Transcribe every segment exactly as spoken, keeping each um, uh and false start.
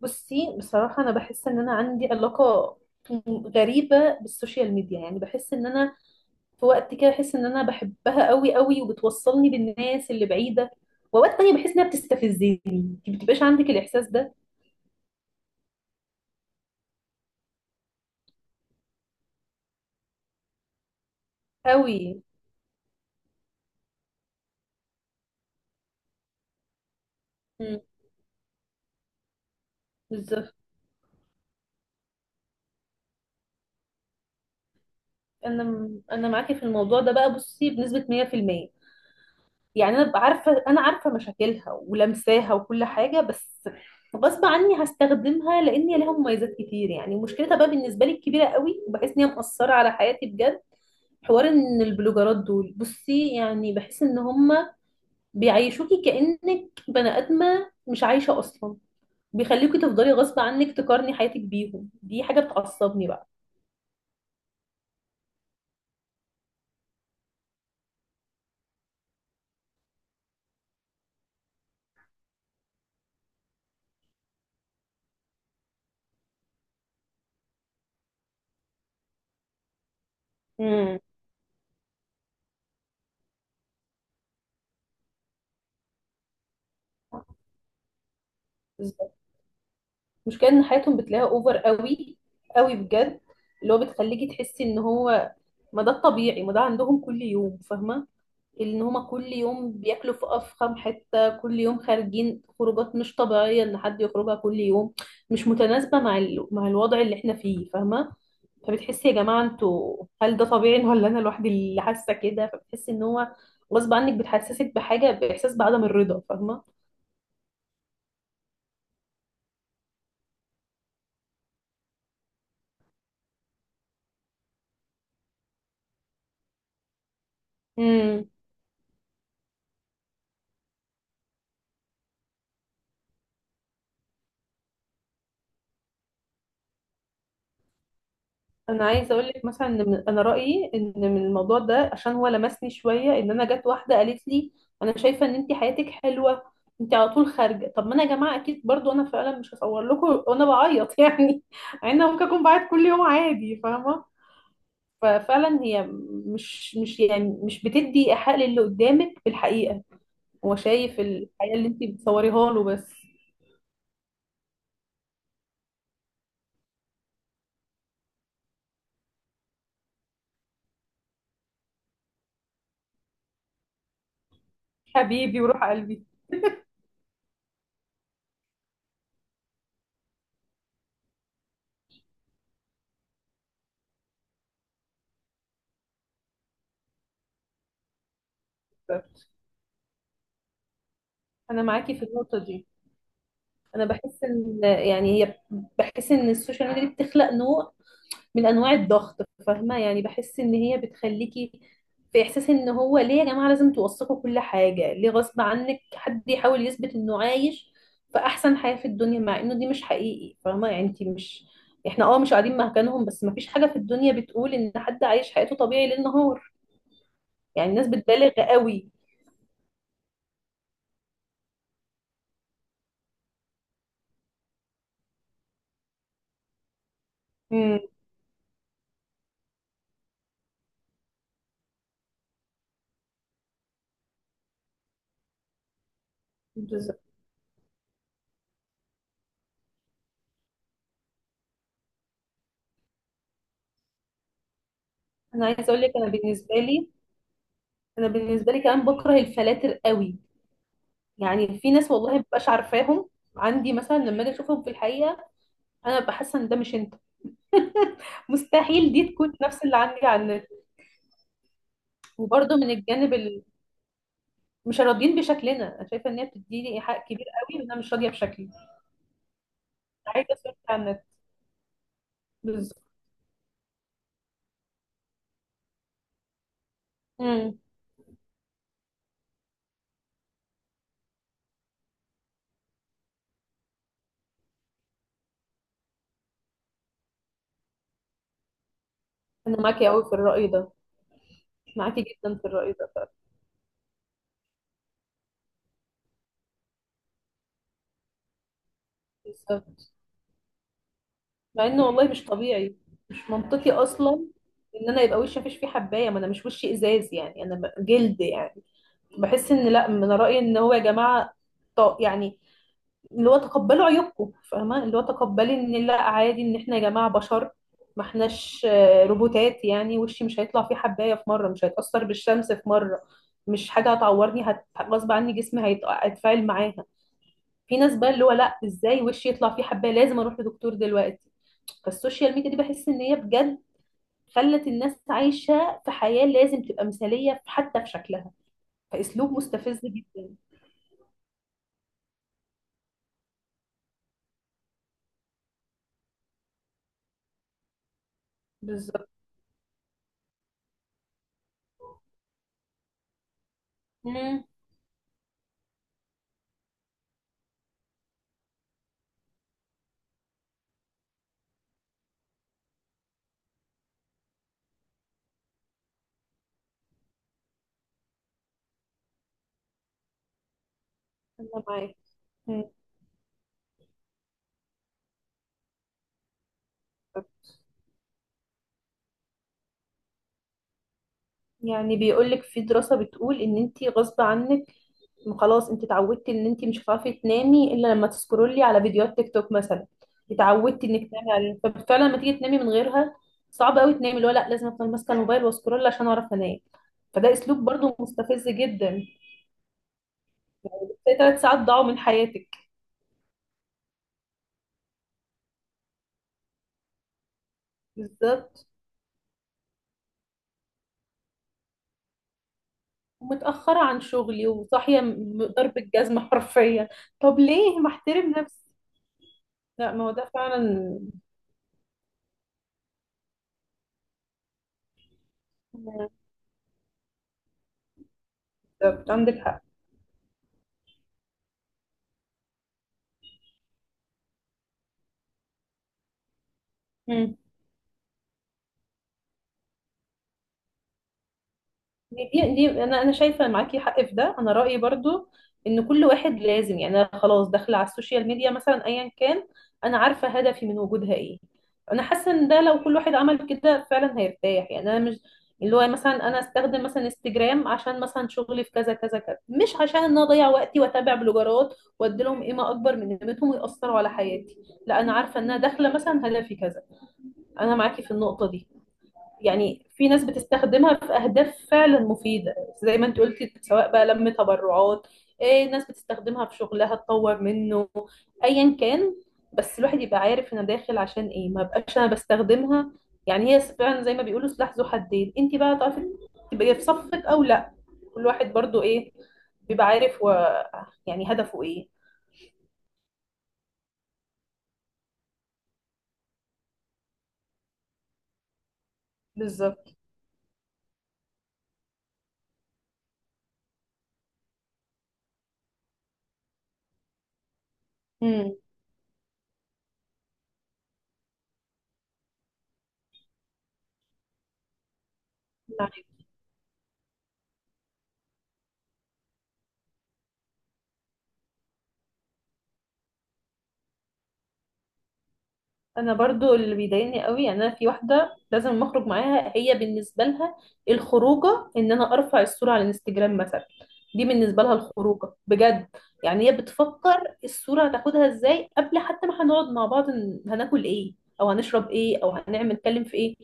بصي، بصراحة أنا بحس إن أنا عندي علاقة غريبة بالسوشيال ميديا. يعني بحس إن أنا في وقت كده بحس إن أنا بحبها قوي قوي وبتوصلني بالناس اللي بعيدة، وأوقات تانية بحس إنها بتستفزني. أنت بتبقاش عندك الإحساس ده؟ قوي. مم، بالظبط. أنا أنا معاكي في الموضوع ده بقى. بصي، بنسبة مية في المية. يعني انا ببقى عارفه انا عارفه مشاكلها ولمساها وكل حاجه، بس غصب عني هستخدمها لان هي ليها مميزات كتير. يعني مشكلتها بقى بالنسبه لي الكبيره قوي، وبحس ان هي مأثره على حياتي بجد. حوار ان البلوجرات دول، بصي، يعني بحس ان هم بيعيشوكي كأنك بني ادمه مش عايشه اصلا. بيخليكي تفضلي غصب عنك تقارني حياتك بيهم. دي حاجه بتعصبني بقى. امم المشكله ان حياتهم بتلاقيها اوفر قوي قوي بجد. اللي هو بتخليكي تحسي ان هو ما ده الطبيعي، ما ده عندهم كل يوم، فاهمه؟ ان هما كل يوم بياكلوا في افخم حته، كل يوم خارجين خروجات مش طبيعيه ان حد يخرجها كل يوم. مش متناسبه مع ال... مع الوضع اللي احنا فيه، فاهمه؟ فبتحسي يا جماعه انتوا، هل ده طبيعي ولا انا لوحدي اللي حاسه كده؟ فبتحسي ان هو غصب عنك بتحسسك بحاجه، باحساس بعدم الرضا، فاهمه؟ امم انا عايزه اقول لك مثلا ان من- انا رايي ان من الموضوع ده، عشان هو لمسني شويه، ان انا جت واحده قالت لي: انا شايفه ان انت حياتك حلوه، انت على طول خارجه. طب ما انا يا جماعه اكيد برضو انا فعلا مش هصور لكم وانا بعيط يعني. انا ممكن اكون بعيط كل يوم عادي، فاهمه؟ ففعلا هي مش مش يعني مش بتدي حق للي قدامك في الحقيقه. هو شايف الحياه اللي انت بتصوريها له بس. حبيبي وروح قلبي. انا معاكي في النقطه دي. انا بحس ان يعني هي، بحس ان السوشيال ميديا دي بتخلق نوع من انواع الضغط، فاهمه؟ يعني بحس ان هي بتخليكي في احساس ان هو ليه يا جماعه لازم توثقوا كل حاجه؟ ليه غصب عنك حد يحاول يثبت انه عايش في احسن حياه في الدنيا، مع انه دي مش حقيقي، فاهمه؟ يعني انت مش، احنا اه مش قاعدين مكانهم، بس مفيش حاجه في الدنيا بتقول ان حد عايش حياته طبيعي ليل نهار. يعني الناس بتبالغ قوي. امم بالظبط. انا عايزه اقول لك انا بالنسبه لي، انا بالنسبه لي كمان بكره الفلاتر قوي. يعني في ناس والله مبقاش عارفاهم عندي مثلا لما اجي اشوفهم في الحقيقه. انا ببقى حاسه ان ده مش انت. مستحيل دي تكون نفس اللي عندي على النت. وبرده من الجانب ال... مش راضيين بشكلنا. انا شايفه ان هي بتديني ايحاء كبير قوي ان انا مش راضيه بشكلي. عايزه صورتي على النت. بالظبط. امم انا معاكي قوي في الراي ده. معاكي جدا في الراي ده فعلا. بالظبط. مع انه والله مش طبيعي، مش منطقي اصلا ان انا يبقى وشي مفيش فيه حبايه. ما انا مش وشي ازاز، يعني انا ب- جلد يعني. بحس ان لا، من رأيي ان هو يا جماعة، ط- يعني اللي هو تقبلوا عيوبكم، فاهمة؟ اللي هو تقبلي ان لا، عادي ان احنا يا جماعة بشر، ما احناش آه، روبوتات. يعني وشي مش هيطلع فيه حباية في مرة؟ مش هيتأثر بالشمس في مرة؟ مش حاجة هتعورني هت... غصب عني جسمي هيت- هيتفاعل معاها. في ناس بقى اللي هو لا، ازاي وشي يطلع فيه حباية لازم اروح لدكتور دلوقتي؟ فالسوشيال ميديا دي بحس ان هي بجد خلت الناس عايشة في حياة لازم تبقى مثالية حتى في شكلها. فأسلوب مستفز جدا. بالظبط. مم. انا معاك. مم. يعني بيقول لك في دراسة بتقول ان انت غصب عنك، م- خلاص انت اتعودتي ان انت مش هتعرفي تنامي الا لما تسكرولي على فيديوهات تيك توك مثلا. اتعودتي انك تنامي على، ففعلا لما تيجي تنامي من غيرها صعب قوي تنامي. اللي هو لا، لازم افضل ماسكه الموبايل واسكرول عشان اعرف انام. فده اسلوب برضو مستفز جدا. زي ثلاث ساعات ضاعوا من حياتك. بالظبط. ومتاخره عن شغلي وصاحيه م- ضرب الجزمه حرفيا. طب ليه ما احترم نفسي؟ لا، ما هو ده فعلا. مم. بالظبط. عندك حق. مم. دي دي انا انا شايفه معاكي حق في ده. انا رايي برضو ان كل واحد لازم، يعني أنا خلاص داخله على السوشيال ميديا مثلا ايا كان، انا عارفه هدفي من وجودها ايه. انا حاسه ان ده لو كل واحد عمل كده فعلا هيرتاح. يعني انا مش، اللي هو مثلا انا استخدم مثلا انستجرام عشان مثلا شغلي في كذا كذا كذا، مش عشان ان انا اضيع وقتي واتابع بلوجرات وادي لهم قيمه اكبر من قيمتهم ويأثروا على حياتي. لا، انا عارفه ان انا داخله مثلا هدفي كذا. انا معاكي في النقطه دي. يعني في ناس بتستخدمها في أهداف فعلا مفيدة، زي ما انت قلتي، سواء بقى لم تبرعات، إيه ناس بتستخدمها في شغلها تطور منه، أيا كان. بس الواحد يبقى عارف أنا داخل عشان إيه ما بقاش أنا بستخدمها. يعني هي فعلا زي ما بيقولوا سلاح ذو حدين. انت بقى تعرفي تبقي في صفك أو لا. كل واحد برضو إيه، بيبقى عارف و... يعني هدفه إيه. بالظبط. مم. نعم. انا برضو اللي بيضايقني قوي، يعني انا في واحده لازم اخرج معاها، هي بالنسبه لها الخروجه ان انا ارفع الصوره على الانستجرام مثلا. دي بالنسبه لها الخروجه بجد. يعني هي بتفكر الصوره هتاخدها ازاي قبل حتى ما هنقعد مع بعض، ن- هناكل ايه او هنشرب ايه او هنعمل، نتكلم في ايه.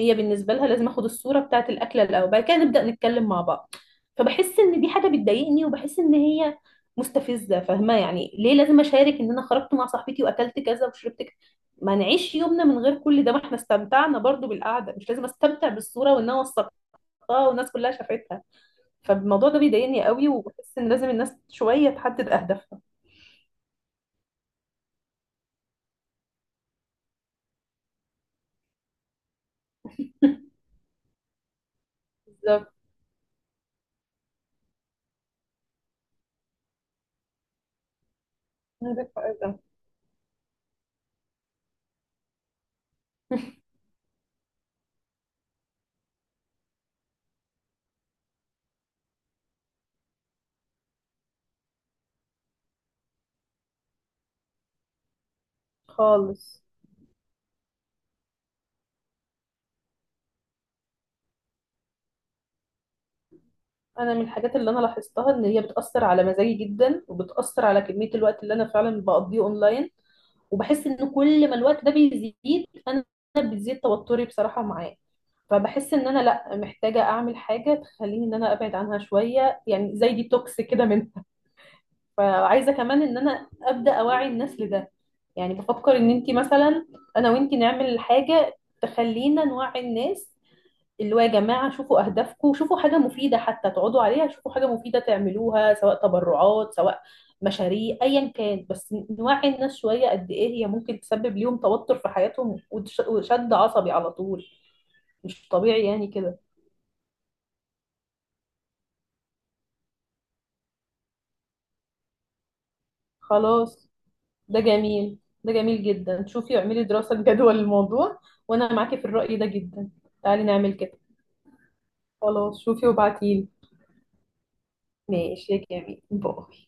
هي بالنسبه لها لازم اخد الصوره بتاعه الاكله الاول، بعد كده نبدا نتكلم مع بعض. فبحس ان دي حاجه بتضايقني وبحس ان هي مستفزه، فاهمه؟ يعني ليه لازم اشارك ان انا خرجت مع صاحبتي واكلت كذا وشربت؟ ما نعيش يومنا من غير كل ده. ما احنا استمتعنا برضو بالقعده. مش لازم استمتع بالصوره وان انا وثقتها والناس كلها شافتها. فالموضوع ده بيضايقني قوي وبحس ان لازم الناس شويه تحدد اهدافها. بالظبط. عندك حق ده. خالص. انا من الحاجات اللي انا لاحظتها ان هي بتاثر على مزاجي جدا وبتاثر على كميه الوقت اللي انا فعلا بقضيه اونلاين. وبحس ان كل ما الوقت ده بيزيد انا بتزيد توتري بصراحه معاه. فبحس ان انا لا، محتاجه اعمل حاجه تخليني ان انا ابعد عنها شويه، يعني زي ديتوكس كده منها. فعايزه كمان ان انا ابدا اوعي الناس لده. يعني بفكر ان انتي مثلا انا وانتي نعمل حاجه تخلينا نوعي الناس، اللي هو يا جماعه شوفوا اهدافكم، شوفوا حاجه مفيده حتى تقعدوا عليها، شوفوا حاجه مفيده تعملوها، سواء تبرعات سواء مشاريع ايا كان. بس نوعي الناس شويه قد ايه هي ممكن تسبب ليهم توتر في حياتهم، وتش- وشد عصبي على طول. مش طبيعي يعني كده. خلاص. ده جميل، ده جميل جدا. شوفي اعملي دراسة جدوى للموضوع. وانا معاكي في الرأي ده جدا. تعالي نعمل كده. خلاص، شوفي وابعتيلي. ماشي يا جميل، باي.